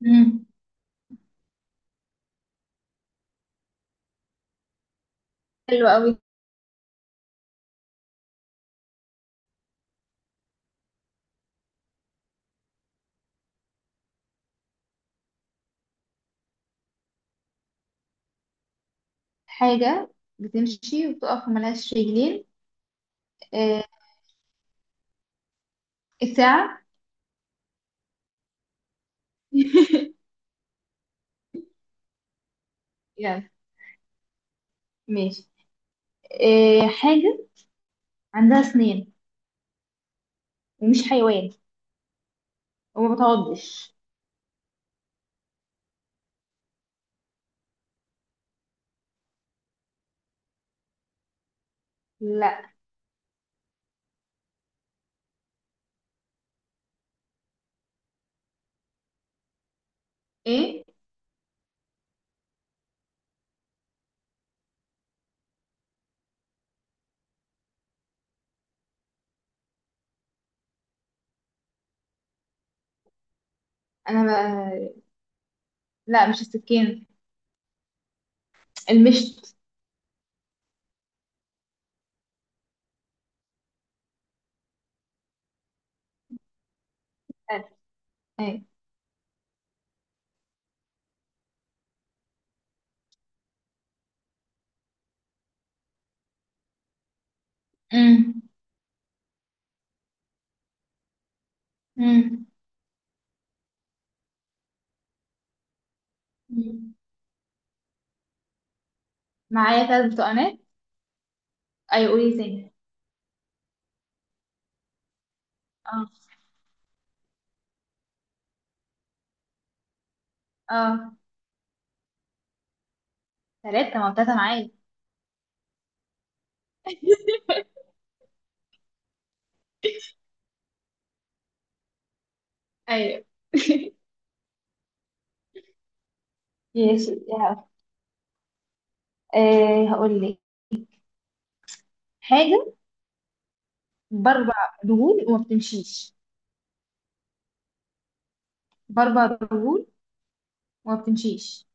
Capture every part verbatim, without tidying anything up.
مم. حلو قوي. حاجة بتمشي وتقف وملهاش رجلين. آه. الساعة. يلا، ماشي. آه. حاجة عندها سنين ومش حيوان وما بتعضش. لا، ايه. انا بقى... لا مش السكين، المشط. آه. ايه. مم. مم. مم. معايا ثلاث برتقانات. ايوه قولي تاني. اه اه، ثلاثة، ما هو تلاتة معايا. ايوه. ماشي. آه. هقول لك حاجة بربع دهون وما بتمشيش. بربع دهون وما بتمشيش.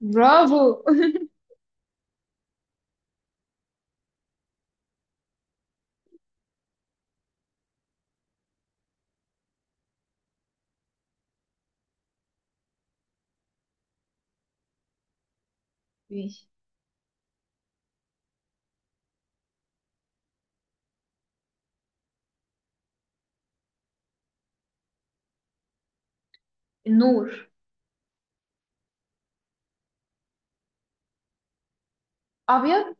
برافو. ماشي. النور. أبيض.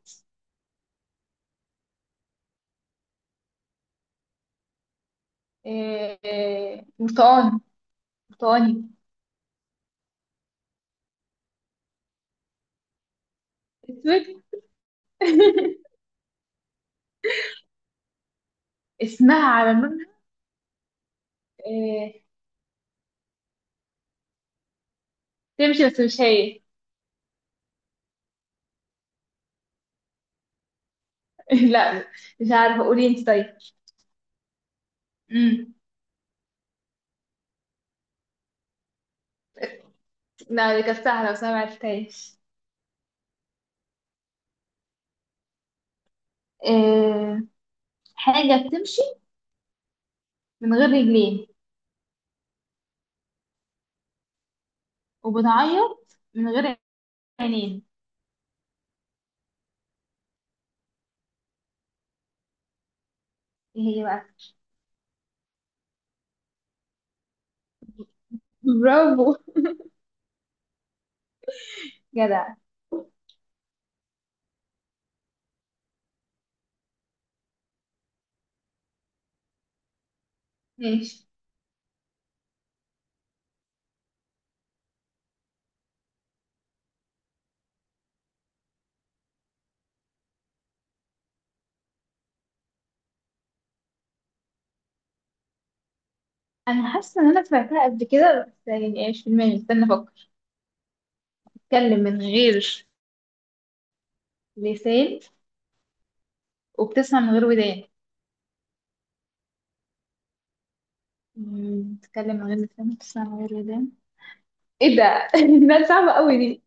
آه، آه، برتقاني. برتقاني. أسود. اسمها على لونها. آه، تمشي بس مش هي. لا، مش عارفة، قولي انت طيب. مم. لا دي كانت سهلة بس أنا معرفتهاش. آه، حاجة بتمشي من غير رجلين وبتعيط من غير عينين. ايه هي بقى؟ برافو. جدع. ماشي. انا حاسه ان انا سمعتها قبل كده، بس يعني ايش في دماغي، استنى افكر. بتتكلم من غير لسان وبتسمع من غير ودان. أمم، بتتكلم من غير لسان وبتسمع من غير ودان. ايه ده؟ ده صعبه قوي دي.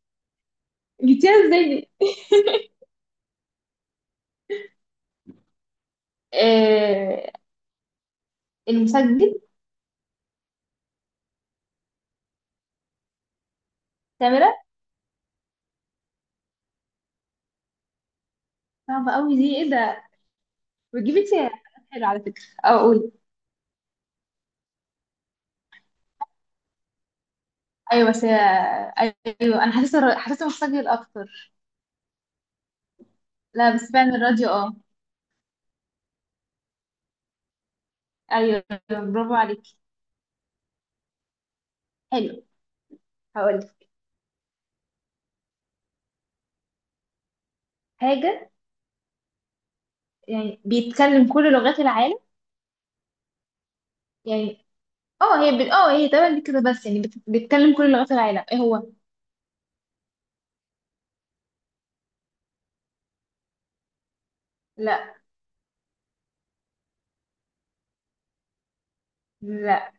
جبتيها ازاي دي؟ آه، المسجل. كاميرا. صعبه قوي دي، ايه ده. بتجيب انت حاجات حلوه على فكره، او اقول. ايوه بس هي- ايوه انا حاسه الر- حاسه المسجل اكتر. لا بس فعلا الراديو. اه ايوه. برافو عليكي. حلو. هقول لك حاجه يعني بيتكلم كل لغات العالم. يعني اه هي بت... اه هي تمام كده، بس يعني بت... بيتكلم كل لغات العالم، ايه هو. لا. لا.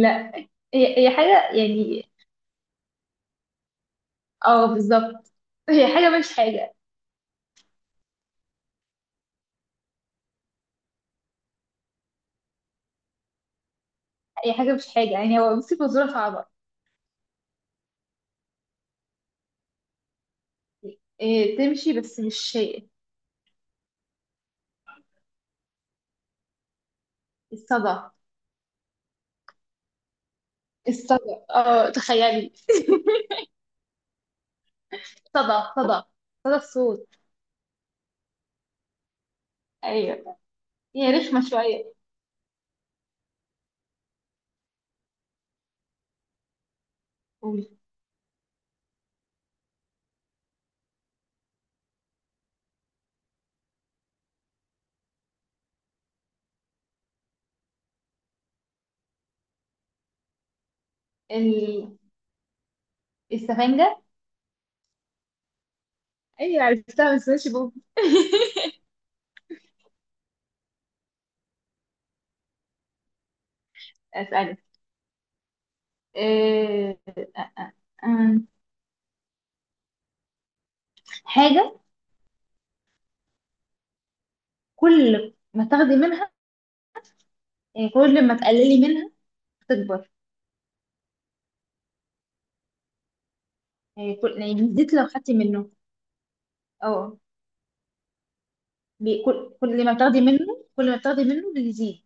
لا. هي, هي حاجة يعني. اه بالظبط. هي حاجة مش حاجة. هي حاجة مش حاجة يعني. هو بصي فزورة صعبة. إيه تمشي بس مش شيء. الصدى. الصدى، اه تخيلي. صدى صدى صدى الصوت. ايوه هي رخمة شوية. قولي. ال... السفنجة. ايوه عرفتها بس ماشي بوب. اسألي. آه، آه، آه، آه، آه. حاجة كل ما تاخدي منها، يعني كل ما تقللي منها تكبر. يعني كل، يعني بيزيد لو خدتي منه. اه بي- كل كل ما بتاخدي منه، كل ما بتاخدي منه بيزيد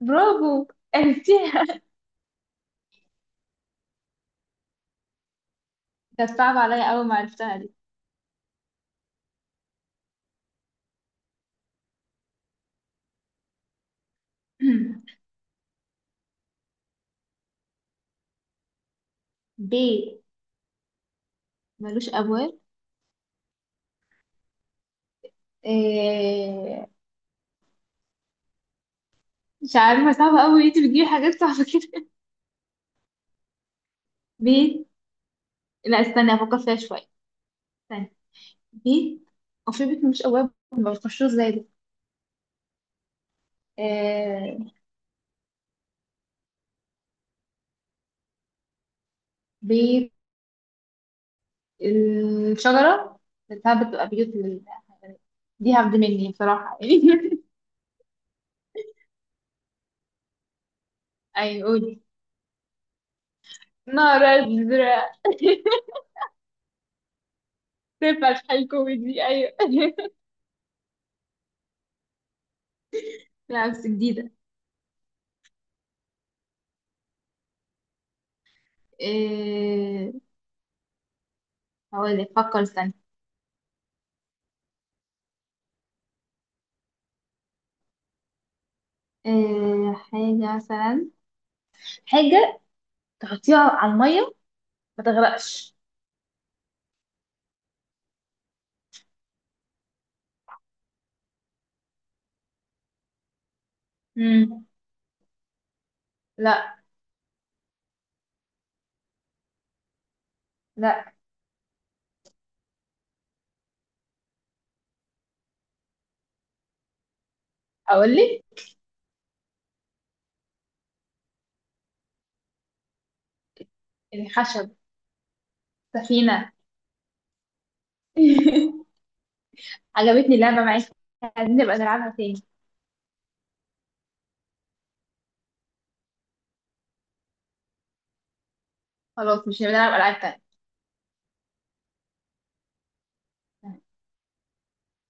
برافو. عرفتيها. كانت صعبة عليا أول ما عرفتها دي. بيت ملوش أبواب. آه، مش عارفة، صعبة أوي، انتي بتجيبي حاجات صعبة كده. بيت. لا استني أفكر فيها شوية. استني. بيت. وفي بيت ملوش أبواب ما بتخشوش زي ده. آه، بيت الشجرة، بتاعت بتبقى بيوت للحيوانات. دي هبد مني بصراحة يعني. أيوة قولي. نار أزرق. تنفع شحال كوميدي، أيوة. لا بس جديدة. إيه. هقولك، فكر استنى. إيه حاجة مثلا. حاجة تحطيها على المية ما تغرقش. مم. لا. لا. أقولك. الخشب. سفينة. عجبتني اللعبة معاك. عايزين نبقى نلعبها تاني. خلاص، مش هنبقى نلعب ألعاب تانية.